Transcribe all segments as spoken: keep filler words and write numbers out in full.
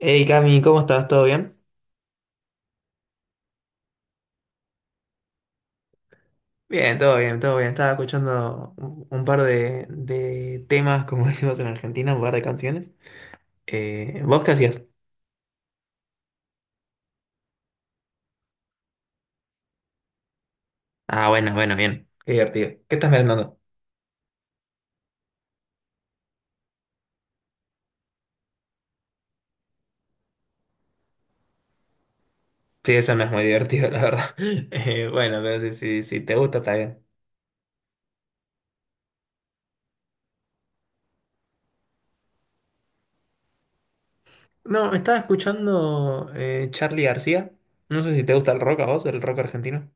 Hey Cami, ¿cómo estás? ¿Todo bien? Bien, todo bien, todo bien. Estaba escuchando un, un par de, de temas, como decimos en Argentina, un par de canciones. Eh, ¿vos qué hacías? Ah, bueno, bueno, bien. Qué divertido. ¿Qué estás merendando? Sí, eso no es muy divertido, la verdad. Eh, bueno, pero si, si, si te gusta, está bien. No, estaba escuchando eh, Charly García. No sé si te gusta el rock a vos, el rock argentino.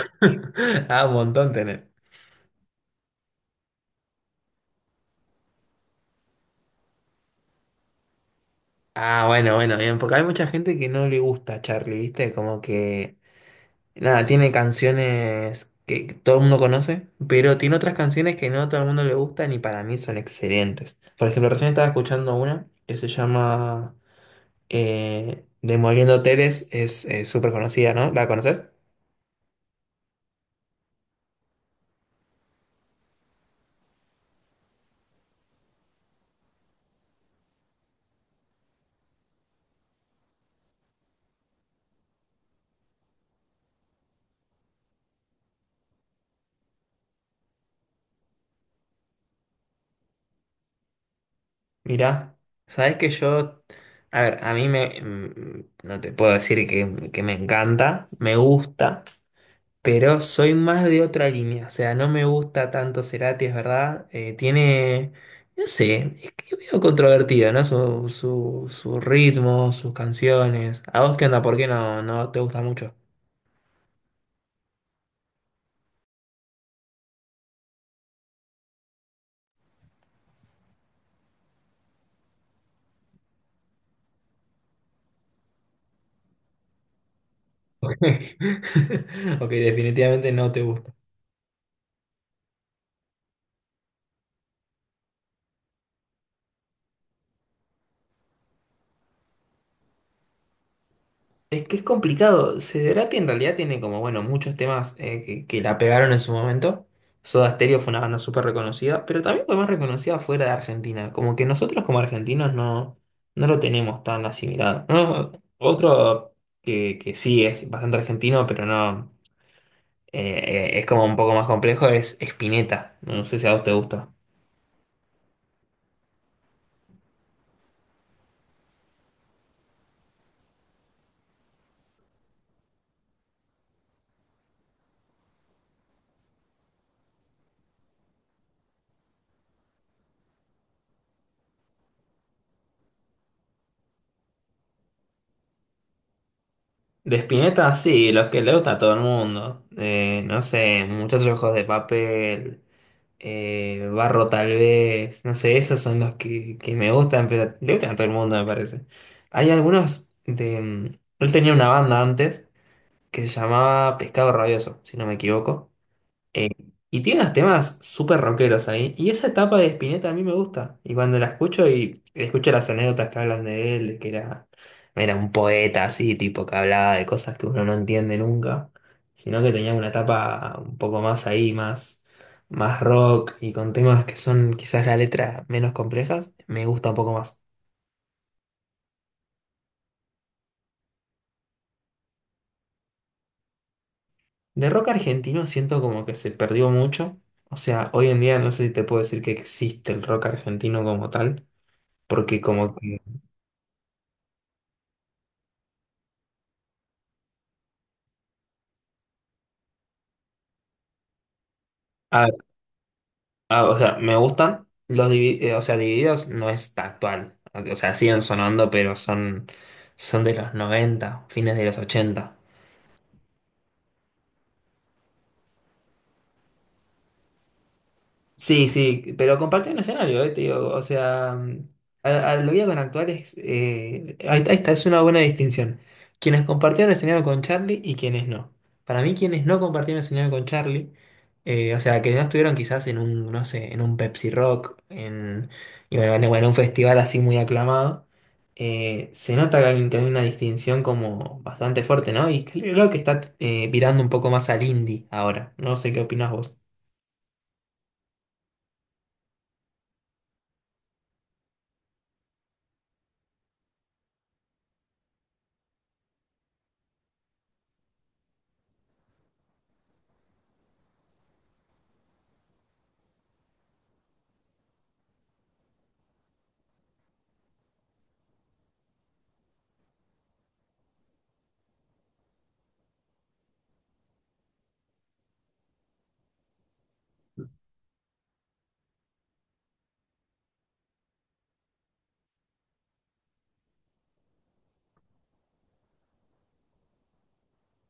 Ah, un montón tenés. Ah, bueno, bueno, bien, porque hay mucha gente que no le gusta Charlie, ¿viste? Como que nada, tiene canciones que todo el mundo conoce, pero tiene otras canciones que no a todo el mundo le gustan y para mí son excelentes. Por ejemplo, recién estaba escuchando una que se llama eh, Demoliendo Hoteles, es eh, súper conocida, ¿no? ¿La conoces? Mirá, sabes que yo, a ver, a mí me, mm, no te puedo decir que, que me encanta, me gusta, pero soy más de otra línea, o sea, no me gusta tanto Cerati, es verdad. Eh, tiene, no sé, es que medio controvertido, ¿no? Su, su, su ritmo, sus canciones. ¿A vos qué onda? ¿Por qué no, no te gusta mucho? Ok, definitivamente no te gusta. Es que es complicado. Cerati en realidad tiene como, bueno, muchos temas eh, que, que la pegaron en su momento. Soda Stereo fue una banda súper reconocida, pero también fue más reconocida fuera de Argentina. Como que nosotros como argentinos no, no lo tenemos tan asimilado. No, otro que, que sí es bastante argentino, pero no eh, eh, es como un poco más complejo, es Spinetta. No sé si a vos te gusta. De Spinetta, sí, los que le gusta a todo el mundo. Eh, no sé, Muchachos de Ojos de Papel. eh, Barro tal vez, no sé, esos son los que, que me gustan, pero le gustan a todo el mundo, me parece. Hay algunos de… mm, él tenía una banda antes que se llamaba Pescado Rabioso, si no me equivoco. Eh, y tiene unos temas súper rockeros ahí. Y esa etapa de Spinetta a mí me gusta. Y cuando la escucho y escucho las anécdotas que hablan de él, de que era, era un poeta así, tipo que hablaba de cosas que uno no entiende nunca, sino que tenía una etapa un poco más ahí, más, más rock y con temas que son quizás la letra menos complejas, me gusta un poco más. De rock argentino siento como que se perdió mucho. O sea, hoy en día no sé si te puedo decir que existe el rock argentino como tal, porque como que… A ah, o sea, me gustan los divi- eh, o sea, Divididos no es tan actual. O sea, siguen sonando, pero son, son de los noventa, fines de los ochenta. Sí, sí, pero compartí un escenario, eh, te digo, o sea, mm, a, a lo que iba con actuales, eh, ahí está, ahí es una buena distinción. Quienes compartieron escenario con Charlie y quienes no. Para mí, quienes no compartieron escenario con Charlie, eh, o sea, que no estuvieron quizás en un, no sé, en un Pepsi Rock, en, y bueno, en- bueno, en un festival así muy aclamado, eh, se nota que hay, que hay una distinción como bastante fuerte, ¿no? Y creo que está eh, virando un poco más al indie ahora. No sé qué opinas vos.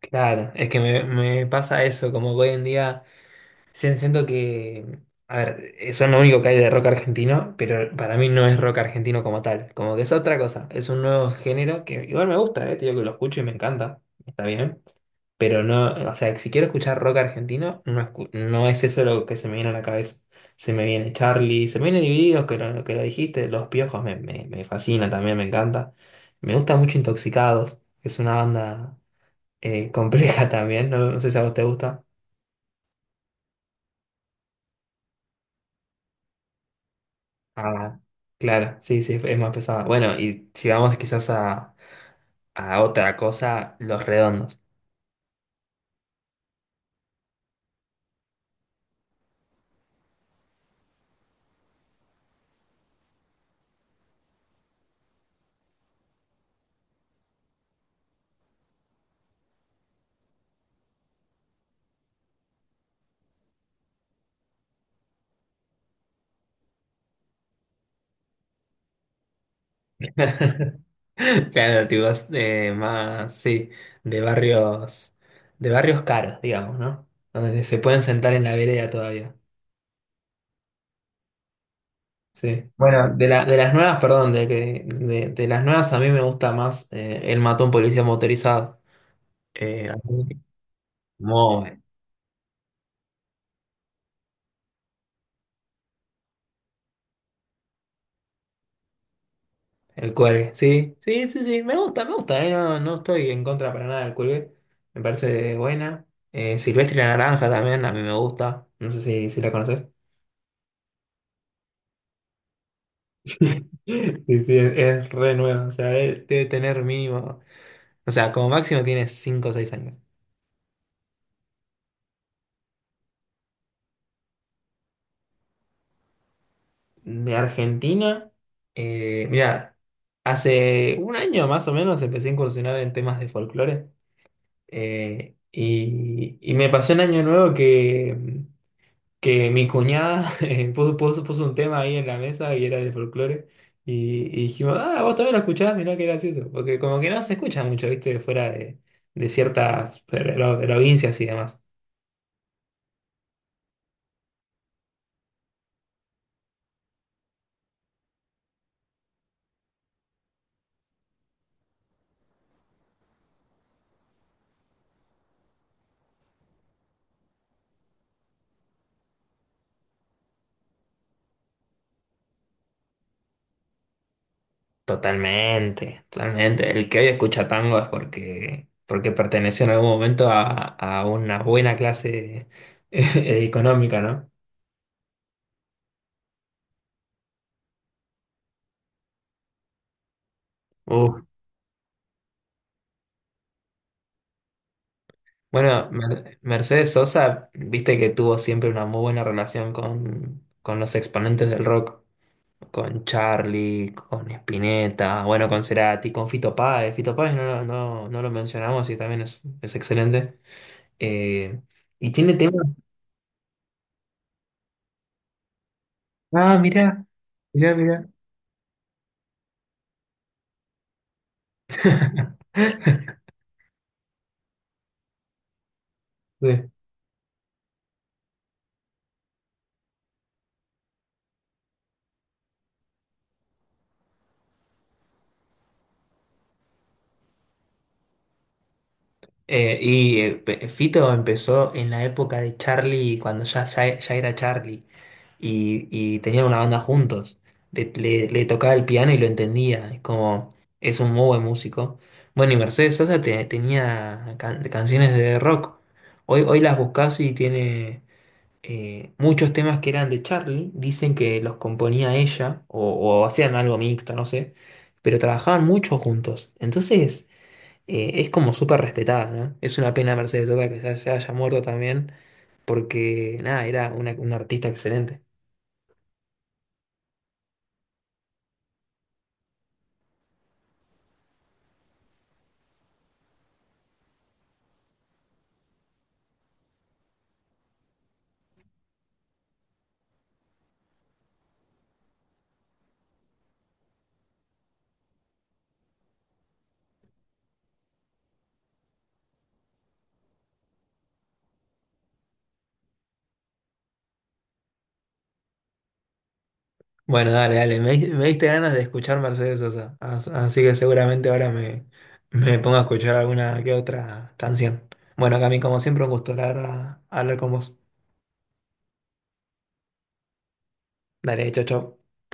Claro, es que me, me pasa eso, como que hoy en día si- siento que, a ver, eso es lo único que hay de rock argentino, pero para mí no es rock argentino como tal, como que es otra cosa, es un nuevo género que igual me gusta, eh, te digo que lo escucho y me encanta, está bien, pero no, o sea, si quiero escuchar rock argentino, no, escu- no es eso lo que se me viene a la cabeza, se me viene Charlie, se me viene Divididos, que lo, que lo dijiste, Los Piojos me, me, me fascina también, me encanta, me gusta mucho Intoxicados, es una banda eh, compleja también, no, no sé si a vos te gusta. Ah, claro, sí, sí, es más pesada. Bueno, y si vamos quizás a, a otra cosa, los redondos. Claro, tipo, es, eh, más, sí, de barrios, de barrios caros, digamos, ¿no? Donde se pueden sentar en la vereda todavía. Sí. Bueno, de la, de las nuevas, perdón, de, que- de, de las nuevas a mí me gusta más eh, el matón policía motorizado. Eh, a mí, muy, el cuelgue, sí, sí, sí, sí, me gusta, me gusta, eh, no, no estoy en contra para nada del cuelgue, me parece buena. Eh, Silvestre la Naranja también, a mí me gusta, no sé si, si la conoces. Sí, sí, es, es re nueva, o sea, eh, debe tener mínimo, o sea, como máximo tiene cinco o seis años. De Argentina, eh, mira, hace un año más o menos empecé a incursionar en temas de folclore eh, y, y me pasó en Año Nuevo que… que mi cuñada eh, puso, puso, puso un tema ahí en la mesa y era de folclore. Y, y dijimos, ah, vos también lo escuchás, mirá qué gracioso. Porque como que no se escucha mucho, viste, fuera de, de ciertas pro- provincias y demás. Totalmente, totalmente. El que hoy escucha tango es porque, porque perteneció en algún momento a, a una buena clase eh, económica, ¿no? Uh. Bueno, Mer- Mercedes Sosa, viste que tuvo siempre una muy buena relación con, con los exponentes del rock. Con Charlie, con Spinetta, bueno, con Cerati, con Fito Páez. Fito Páez no, lo- no, no lo mencionamos y también es, es excelente. Eh, y tiene temas. Ah, mirá, mirá, mirá. Sí. Eh, y eh, Pe- Fito empezó en la época de Charlie, cuando ya, ya, ya era Charlie. Y, y tenían una banda juntos. Le, le- le tocaba el piano y lo entendía, es como es un muy buen músico. Bueno, y Mercedes Sosa te- tenía can- canciones de rock. Hoy, hoy las buscas y tiene eh, muchos temas que eran de Charlie, dicen que los componía ella o, o hacían algo mixto, no sé, pero trabajaban mucho juntos. Entonces eh, es como súper respetada, ¿no? Es una pena Mercedes Sosa que se se haya muerto también, porque nada, era una, una artista excelente. Bueno, dale, dale. Me, di- me diste ganas de escuchar Mercedes Sosa. As- Así que seguramente ahora me, me pongo a escuchar alguna que otra canción. Bueno, Cami, como siempre, un gusto, la verdad, hablar con vos. Dale, chau, chau.